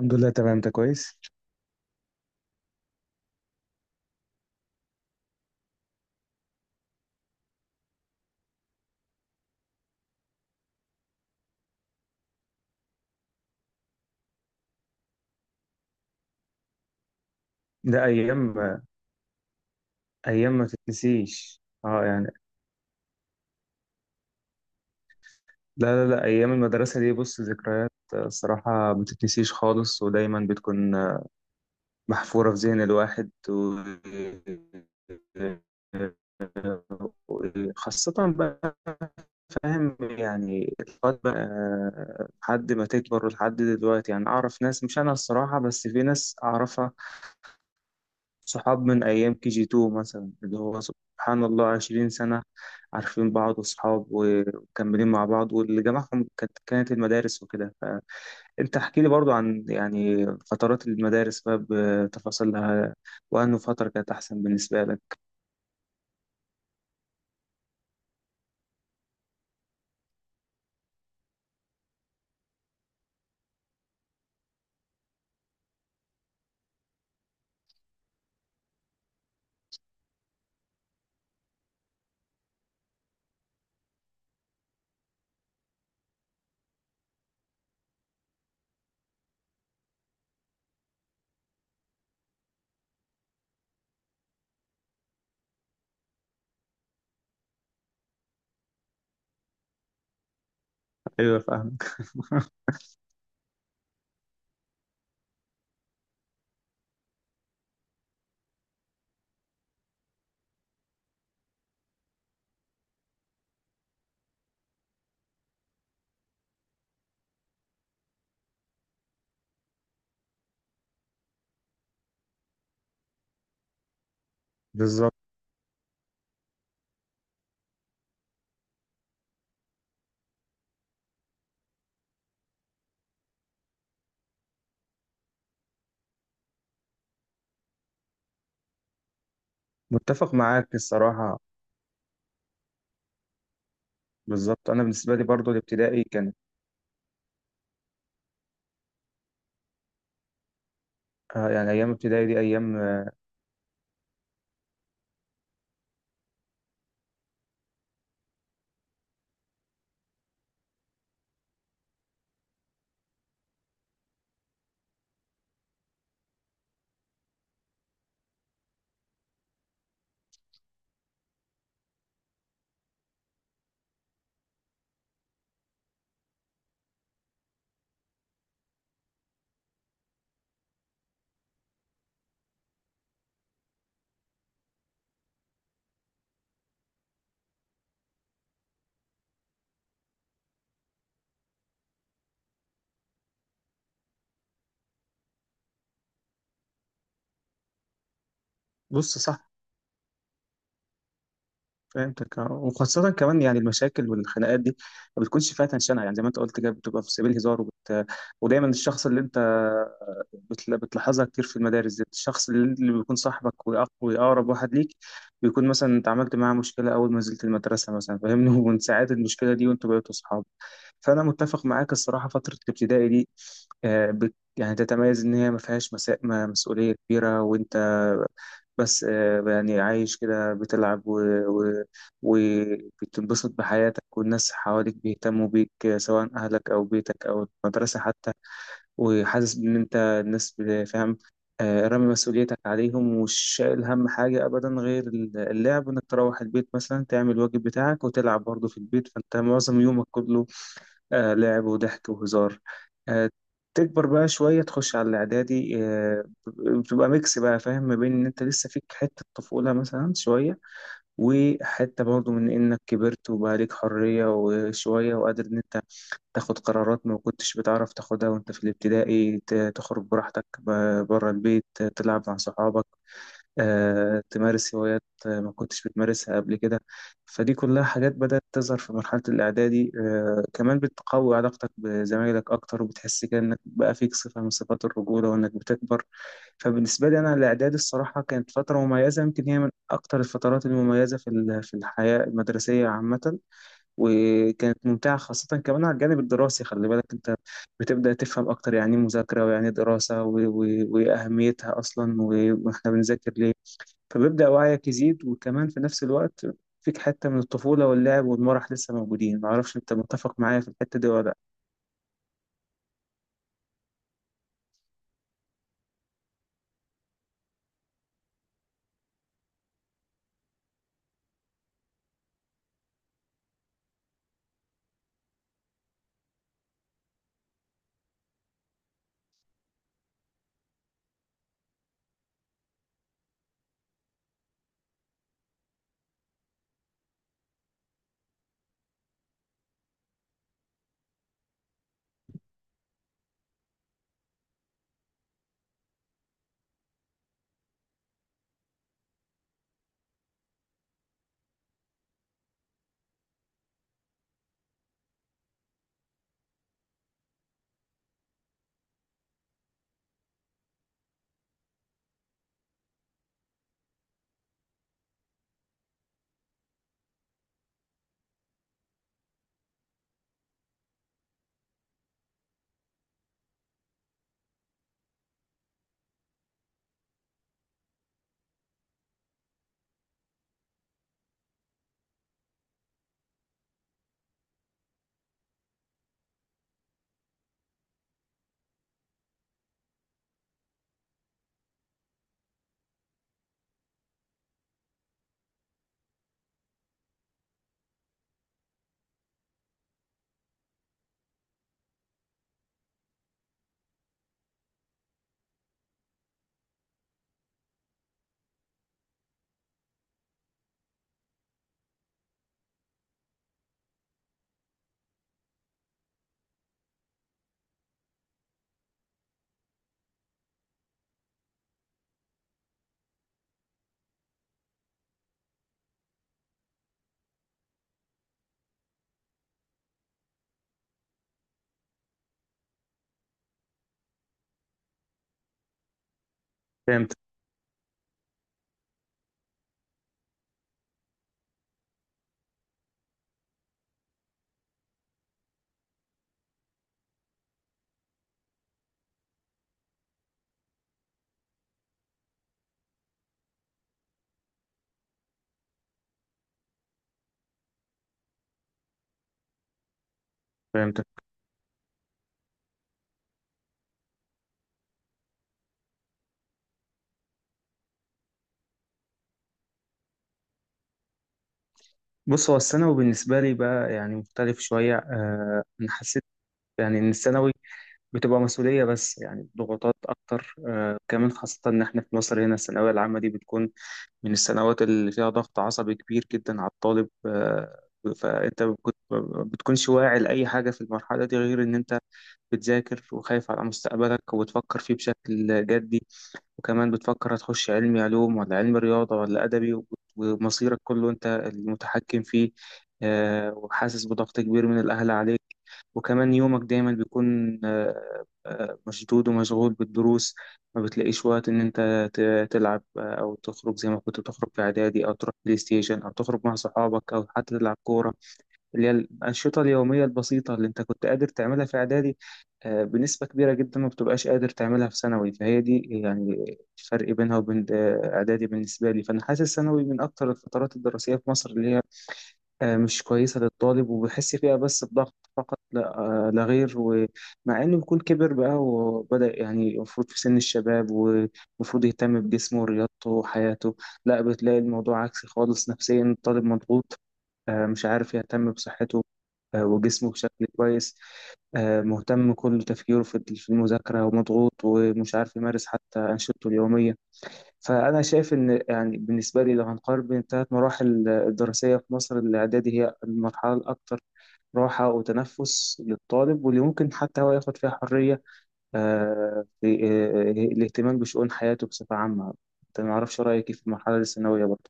الحمد لله تمام، انت كويس. ده ايام، ايام ما تتنسيش. اه يعني. لا لا لا، ايام المدرسه دي، بص ذكريات، الصراحه ما تتنسيش خالص، ودايما بتكون محفوره في ذهن الواحد خاصة بقى، فاهم يعني. الوقت بقى لحد ما تكبر لحد دلوقتي، يعني أعرف ناس، مش أنا الصراحة، بس في ناس أعرفها صحاب من أيام KG2 مثلا، اللي هو سبحان الله 20 سنة عارفين بعض وصحاب ومكملين مع بعض، واللي جمعهم كانت المدارس وكده. فأنت احكي لي برضو عن يعني فترات المدارس بقى، بتفاصيلها، وأنه فترة كانت أحسن بالنسبة لك. أيوة، فاهمك. بالظبط. متفق معاك الصراحة. بالظبط، أنا بالنسبة لي برضو الابتدائي كانت يعني أيام ابتدائي دي أيام. بص صح، فهمتك، اه. وخاصة كمان يعني المشاكل والخناقات دي ما بتكونش فيها تنشنة، يعني زي ما انت قلت كده، بتبقى في سبيل هزار ودايما الشخص اللي انت بتلاحظها كتير في المدارس دي، الشخص اللي بيكون صاحبك وأقرب واحد ليك، بيكون مثلا اتعاملت معاه مشكلة أول ما نزلت المدرسة مثلا، فاهمني. ومن ساعات المشكلة دي وانتوا بقيتوا صحاب. فأنا متفق معاك الصراحة، فترة الابتدائي دي يعني تتميز إن هي ما فيهاش مسا... ما- مسؤولية كبيرة، وأنت بس يعني عايش كده، بتلعب و... وبتنبسط بحياتك، والناس حواليك بيهتموا بيك، سواء أهلك أو بيتك أو المدرسة حتى. وحاسس إن أنت الناس فاهم، رامي مسؤوليتك عليهم، ومش شايل هم حاجة أبدا غير اللعب، إنك تروح البيت مثلا تعمل الواجب بتاعك وتلعب برضه في البيت. فأنت معظم يومك كله لعب وضحك وهزار. آه تكبر بقى شوية، تخش على الإعدادي، بتبقى ميكس بقى، فاهم، ما بين إن أنت لسه فيك حتة طفولة مثلا شوية، وحتة برضه من إنك كبرت وبقى ليك حرية وشوية، وقادر إن أنت تاخد قرارات ما كنتش بتعرف تاخدها وأنت في الابتدائي. تخرج براحتك بره البيت، تلعب مع صحابك، تمارس هوايات ما كنتش بتمارسها قبل كده. فدي كلها حاجات بدأت تظهر في مرحلة الإعدادي. كمان بتقوي علاقتك بزمايلك أكتر، وبتحس كده إنك بقى فيك صفة من صفات الرجولة، وإنك بتكبر. فبالنسبة لي أنا الإعدادي الصراحة كانت فترة مميزة، يمكن هي من أكتر الفترات المميزة في في الحياة المدرسية عامة، وكانت ممتعة خاصة كمان على الجانب الدراسي. خلي بالك، أنت بتبدأ تفهم أكتر يعني إيه مذاكرة، ويعني إيه دراسة وأهميتها أصلا، وإحنا بنذاكر ليه. فبيبدأ وعيك يزيد، وكمان في نفس الوقت فيك حتة من الطفولة واللعب والمرح لسه موجودين. معرفش أنت متفق معايا في الحتة دي ولا لأ. فهمتك فهمتك. بص، هو الثانوي بالنسبة لي بقى يعني مختلف شوية. أنا حسيت يعني إن الثانوي بتبقى مسؤولية، بس يعني ضغوطات أكتر. كمان خاصة إن إحنا في مصر هنا، الثانوية العامة دي بتكون من السنوات اللي فيها ضغط عصبي كبير جدا على الطالب. فأنت ما بتكونش واعي لأي حاجة في المرحلة دي غير إن أنت بتذاكر، وخايف على مستقبلك وبتفكر فيه بشكل جدي. وكمان بتفكر، هتخش علمي علوم ولا علمي رياضة ولا أدبي، ومصيرك كله أنت المتحكم فيه. وحاسس بضغط كبير من الأهل عليك، وكمان يومك دايما بيكون مشدود ومشغول بالدروس. ما بتلاقيش وقت إن أنت تلعب أو تخرج زي ما كنت بتخرج في إعدادي، أو تروح بلاي ستيشن، أو تخرج مع صحابك، أو حتى تلعب كورة، اللي هي الأنشطة اليومية البسيطة اللي أنت كنت قادر تعملها في إعدادي. بنسبة كبيرة جدا ما بتبقاش قادر تعملها في ثانوي. فهي دي يعني الفرق بينها وبين إعدادي بالنسبة لي. فأنا حاسس ثانوي من أكتر الفترات الدراسية في مصر اللي هي مش كويسة للطالب، وبحس فيها بس بضغط فقط، لا لا غير. ومع إنه بيكون كبر بقى وبدأ، يعني المفروض في سن الشباب، ومفروض يهتم بجسمه ورياضته وحياته، لا، بتلاقي الموضوع عكسي خالص. نفسيا الطالب مضغوط، مش عارف يهتم بصحته وجسمه بشكل كويس، مهتم، كل تفكيره في المذاكرة، ومضغوط، ومش عارف يمارس حتى أنشطته اليومية. فأنا شايف إن يعني بالنسبة لي، لو هنقارن بين الثلاث مراحل الدراسية في مصر، الإعدادي هي المرحلة الأكثر راحة وتنفس للطالب، واللي ممكن حتى هو ياخد فيها حرية في الاهتمام بشؤون حياته بصفة عامة. أنت ما أعرفش رأيك إيه في المرحلة الثانوية برضه؟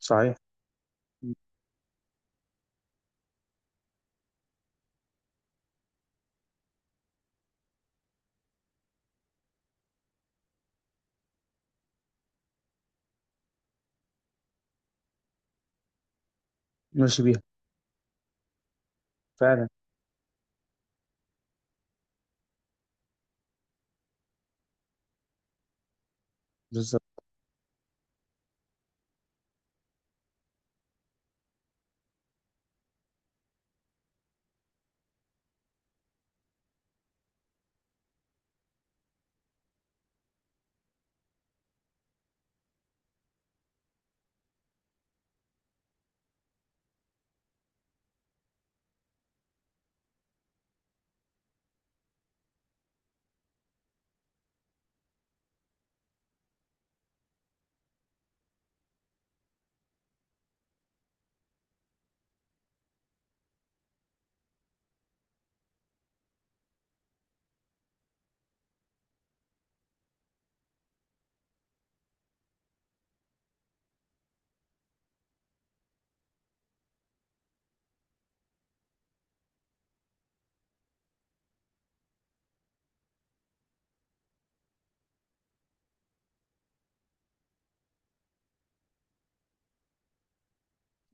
صحيح. ماشي بيها. فعلا. بالظبط.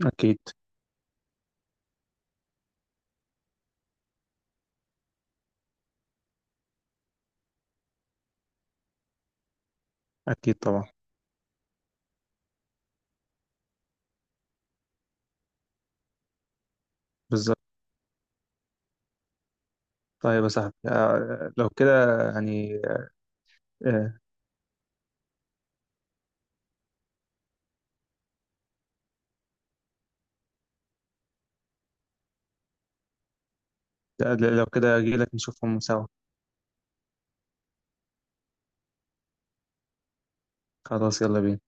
أكيد. أكيد طبعا. بالظبط. طيب يا صاحبي، لو كده يعني، آه، لو كده أجيلك نشوفهم سوا. خلاص، يلا بينا.